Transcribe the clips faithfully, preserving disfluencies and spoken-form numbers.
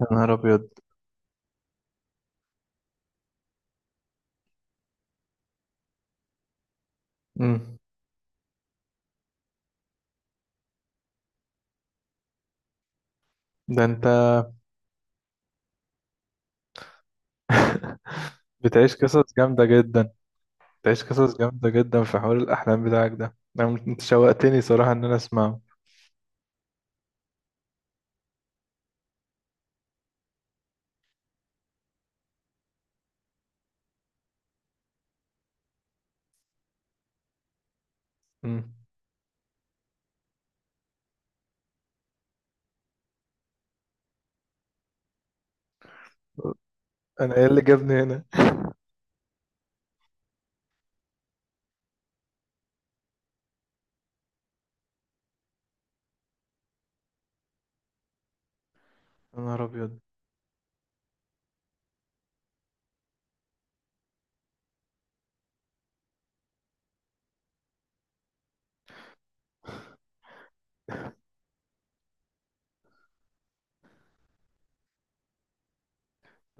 يا نهار أبيض. مم. ده أنت. بتعيش قصص جامدة جدا. بتعيش قصص جامدة جدا في حوار الأحلام بتاعك ده، أنا مت- أنت شوقتني صراحة إن أنا أسمعه. مم. أنا إيه اللي جابني هنا. يا نهار أبيض.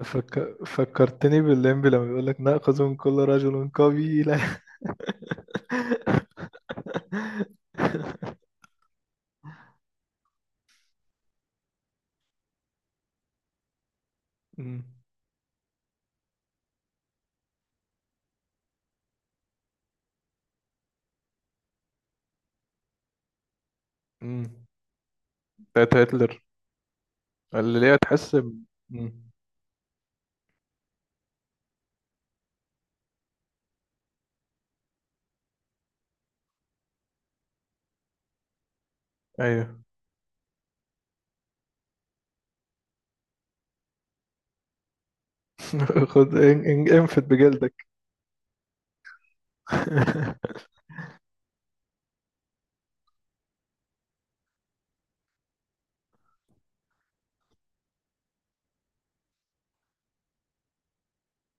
فك... فكرتني باللمبي لما بيقول لك نأخذ من كل رجل قبيلة. مم. مم. بتاعت هتلر، اللي ليه تحس ب- مم. أيوه. خد إن- إن- انفت بجلدك.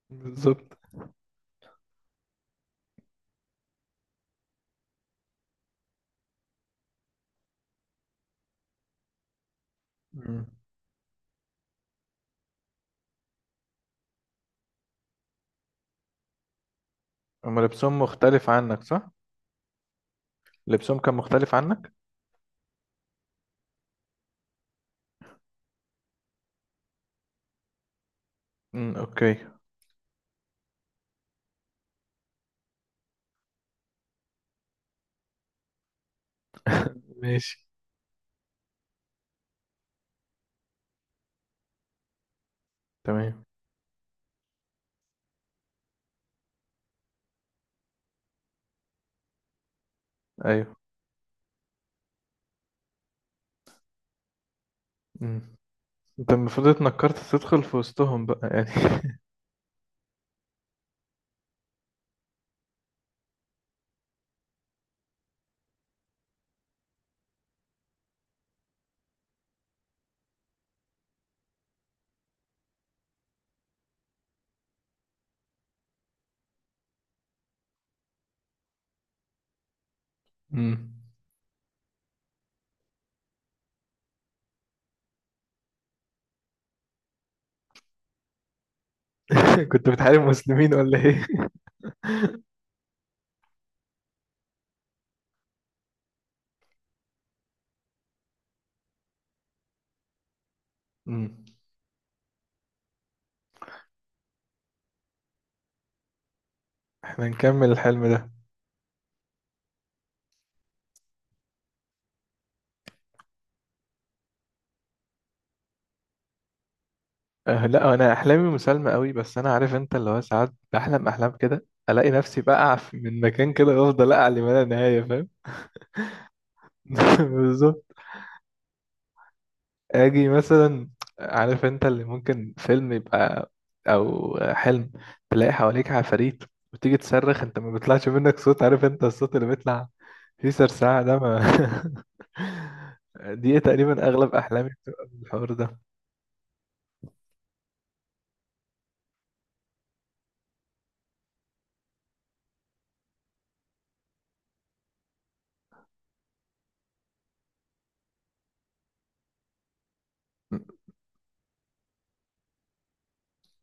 بالظبط. هم لبسهم مختلف عنك، صح؟ لبسهم كان مختلف عنك؟ امم، اوكي. ماشي. تمام. ايوه. امم. انت المفروض اتنكرت تدخل في وسطهم بقى يعني. امم. كنت بتحارب مسلمين ولا ايه؟ امم. احنا نكمل الحلم ده. أه لا، انا احلامي مسالمه قوي، بس انا عارف انت اللي هو ساعات بحلم احلام كده، الاقي نفسي بقع في- من مكان كده وافضل اقع لما لا نهايه، فاهم؟ بالظبط. اجي مثلا، عارف انت اللي ممكن فيلم يبقى او حلم، تلاقي حواليك عفاريت وتيجي تصرخ، انت ما بيطلعش منك صوت، عارف انت الصوت اللي بيطلع فيه سرسعة ده، ما دي تقريبا اغلب احلامي بتبقى بالحوار ده.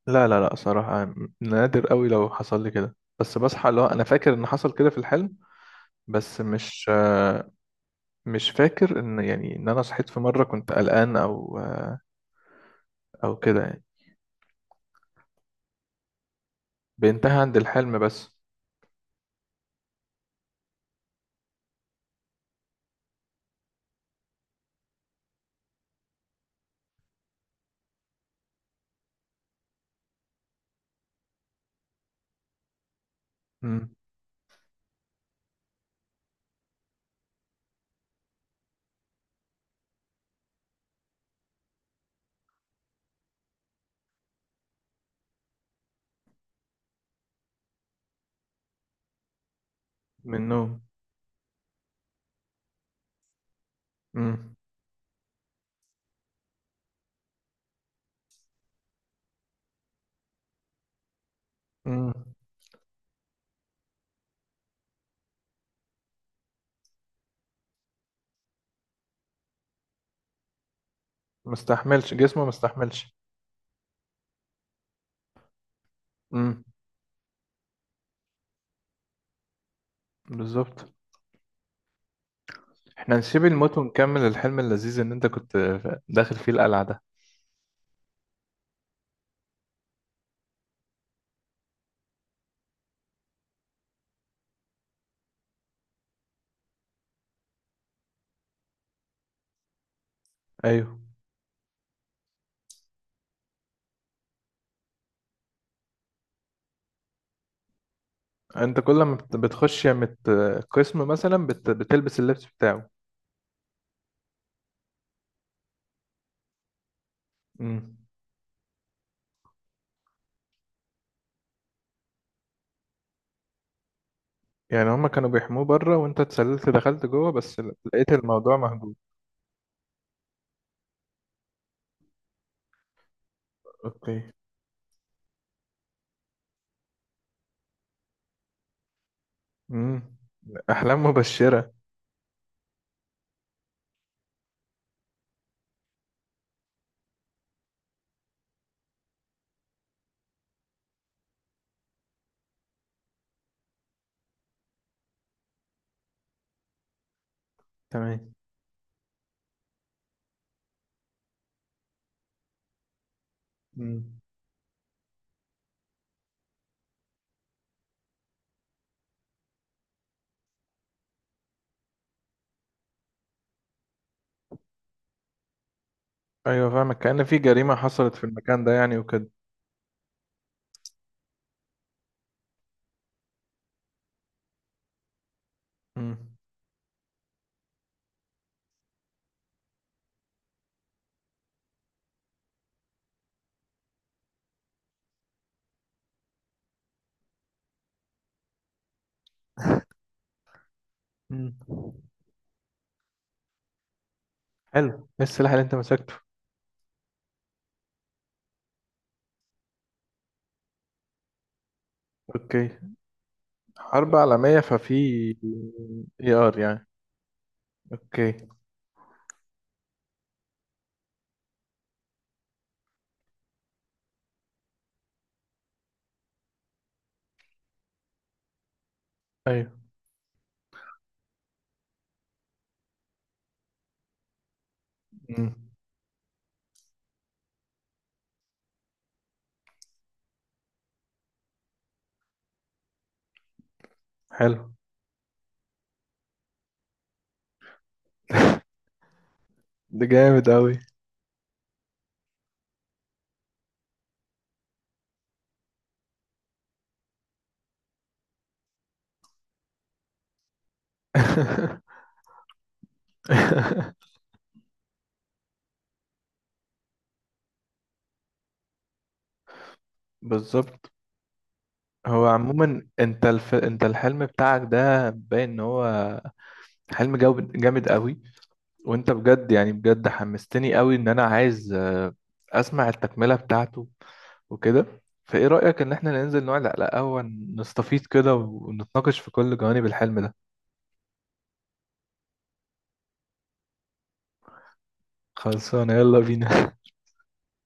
لا لا لا، صراحة نادر قوي لو حصل لي كده، بس بصحى اللي هو انا فاكر ان حصل كده في الحلم، بس مش آه، مش فاكر ان يعني ان انا صحيت في مرة كنت قلقان او او كده يعني. بينتهي عند الحلم بس. من النوم. امم. امم. مستحملش، جسمه مستحملش. امم. بالظبط. احنا نسيب الموت ونكمل الحلم اللذيذ ان انت كنت داخل فيه القلعة ده. ايوه، انت كل ما بت- بتخش يا مت قسم مثلا بت... بتلبس اللبس بتاعه. امم. يعني هما كانوا بيحموه بره وانت اتسللت دخلت جوه بس. لقيت الموضوع مهجور. اوكي. امم. احلام مبشرة. تمام. امم. ايوه فاهمك، كأن في جريمة حصلت في المكان ده يعني وكده. امم. امم. حلو، ايه السلاح اللي انت مسكته؟ اوكي. حرب عالمية، ففي اي ار يعني. اوكي. ايوه. امم. حلو. ده جامد اوي. بالظبط. هو عموما انت الف... انت الحلم بتاعك ده باين ان هو حلم جو- جامد قوي، وانت بجد يعني بجد حمستني قوي ان انا عايز آه، اسمع التكملة بتاعته وكده. فايه رأيك ان احنا ننزل نقعد على قهوة، نستفيض كده ونتناقش في كل جوانب الحلم ده؟ خلصانة، يلا بينا.